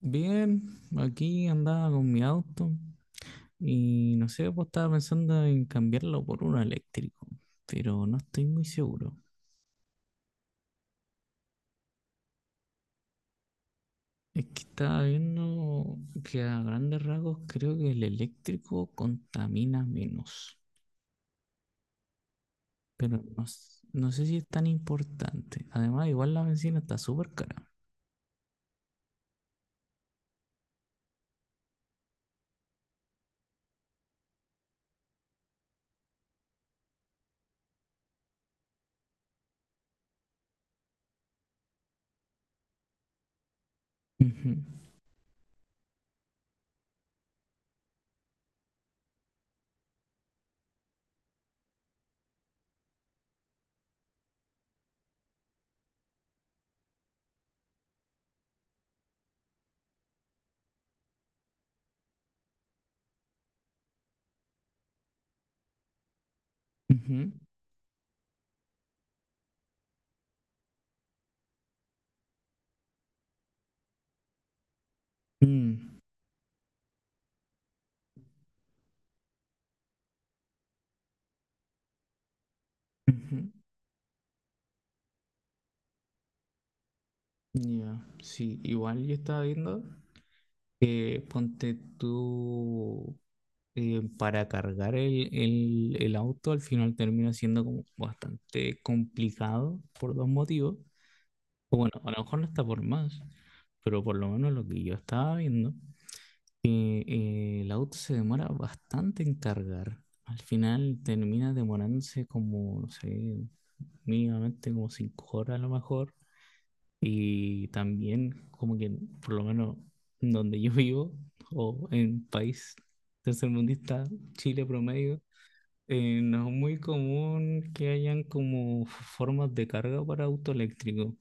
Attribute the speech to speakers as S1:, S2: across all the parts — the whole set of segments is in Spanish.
S1: Bien, aquí andaba con mi auto y no sé, pues estaba pensando en cambiarlo por uno eléctrico, pero no estoy muy seguro. Es que estaba viendo que a grandes rasgos creo que el eléctrico contamina menos, pero no, no sé si es tan importante. Además, igual la bencina está súper cara. Ujú, ujú, mm, ujú. Ya, sí, igual yo estaba viendo. Ponte tú para cargar el auto, al final termina siendo como bastante complicado por dos motivos. O bueno, a lo mejor no está por más, pero por lo menos lo que yo estaba viendo, que el auto se demora bastante en cargar. Al final termina demorándose como, no sé, mínimamente como 5 horas a lo mejor. Y también, como que por lo menos donde yo vivo, o en país tercermundista, Chile promedio, no es muy común que hayan como formas de carga para auto eléctrico.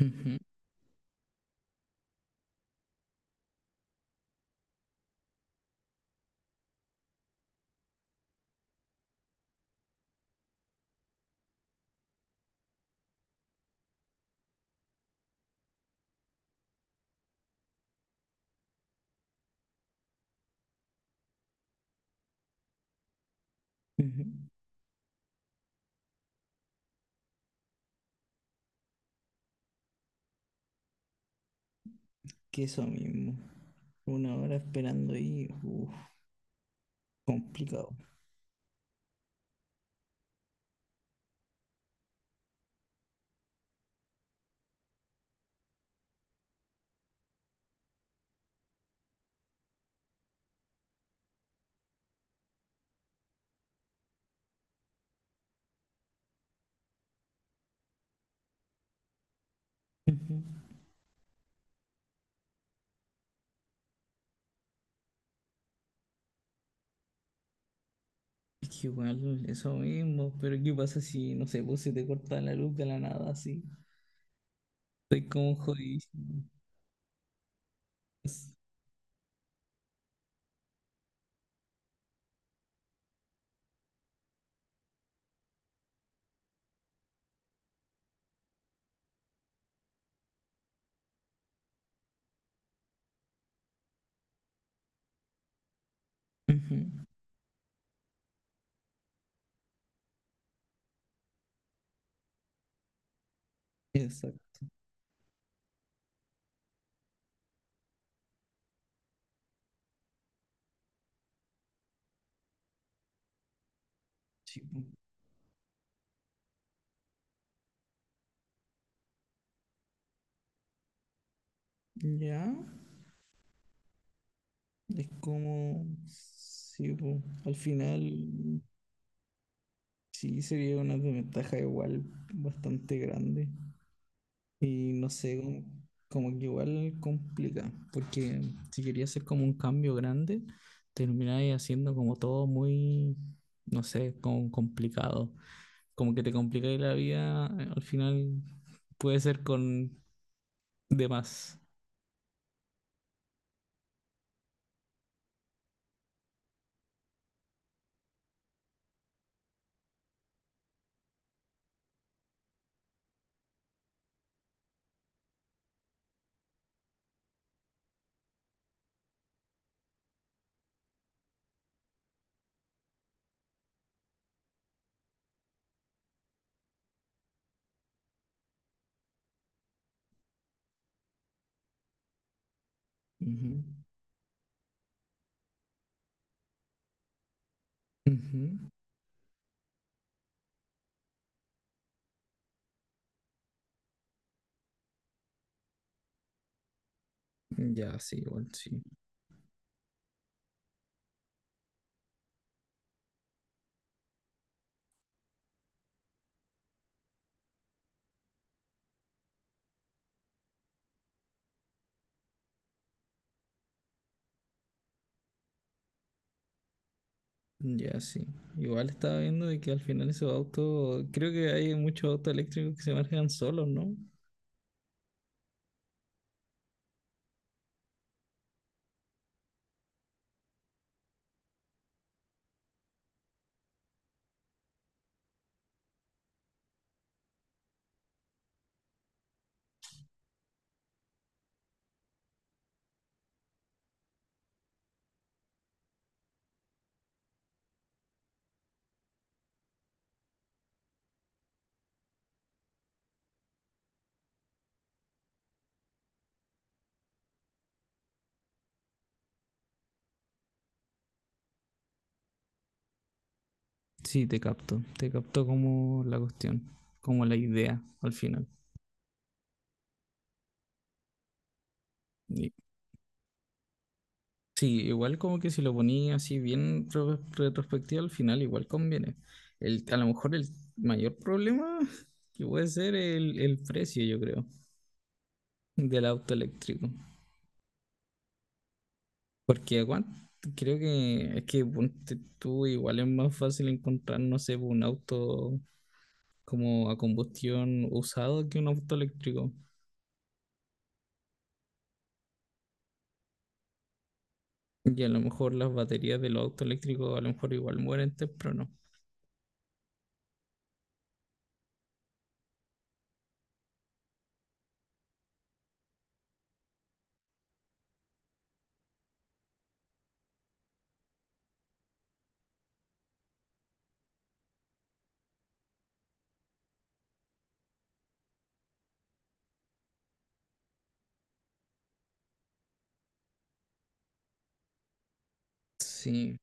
S1: Ujú, ujú. Que eso mismo. 1 hora esperando ahí, uf, complicado. Ujú. Es que igual, eso mismo, pero ¿qué pasa si, no sé, pues se te corta la luz de la nada así? Estoy como jodidísimo. Es- Ujú. Exacto. Sí, po. Ya, es como, sí, po. Al final, sí, sería una desventaja igual bastante grande. Y no sé, como, como que igual complica, porque si querías hacer como un cambio grande, termináis haciendo como todo muy, no sé, como complicado. Como que te complicáis la vida, al final puede ser con demás. Ujú. Ujú. Ya, sí, igual sí. Ya, sí. Igual estaba viendo de que al final esos autos, creo que hay muchos autos eléctricos que se manejan solos, ¿no? Sí, te capto como la cuestión, como la idea al final. Y- sí, igual como que si lo ponía así bien retrospectivo al final, igual conviene. El, a lo mejor el mayor problema que puede ser el precio, yo creo, del auto eléctrico. Porque aguanta. Creo que es que ponte tú igual es más fácil encontrar, no sé, un auto como a combustión usado que un auto eléctrico. Y a lo mejor las baterías de los autos eléctricos a lo mejor igual mueren temprano. Sí,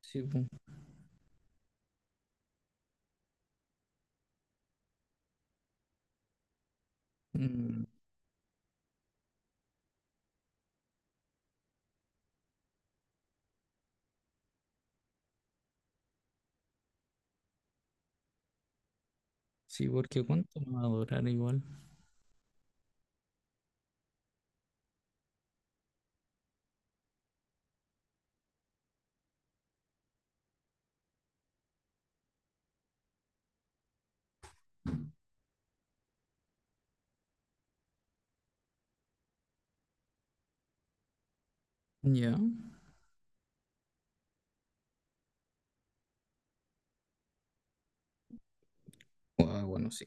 S1: sí, mm, sí, porque ¿cuánto va a durar igual? Ya. Ah, bueno, sí,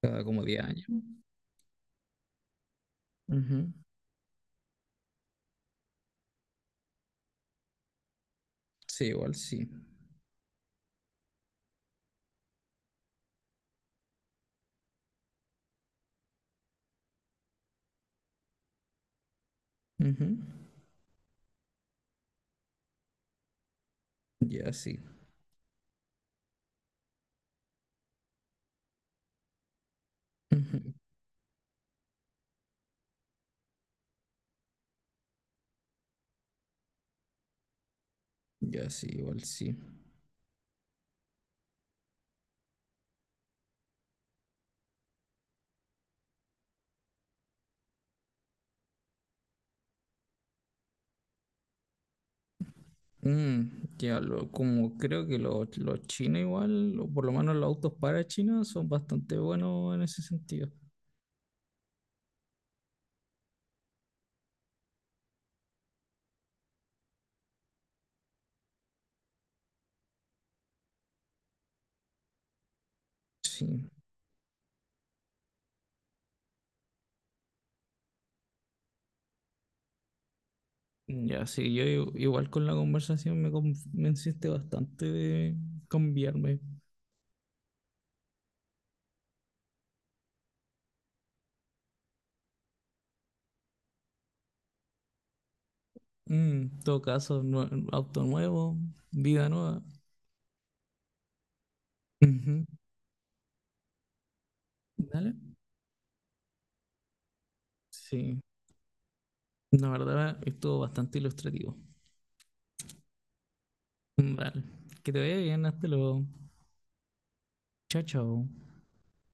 S1: cada como 10 años. Ujú. Sí, igual sí. Ujú. Ya sí. Ujú. Ya sí, igual sí. Mm, ya lo, como creo que los chinos igual, o por lo menos los autos para China son bastante buenos en ese sentido. Sí, mm, ya, sí, yo igual con la conversación me convenciste bastante de cambiarme. Mm, en todo caso, auto nuevo, vida nueva. Ujú. Dale. Sí, la verdad estuvo bastante ilustrativo. Vale, que te vaya bien, hasta luego. Chao, chao.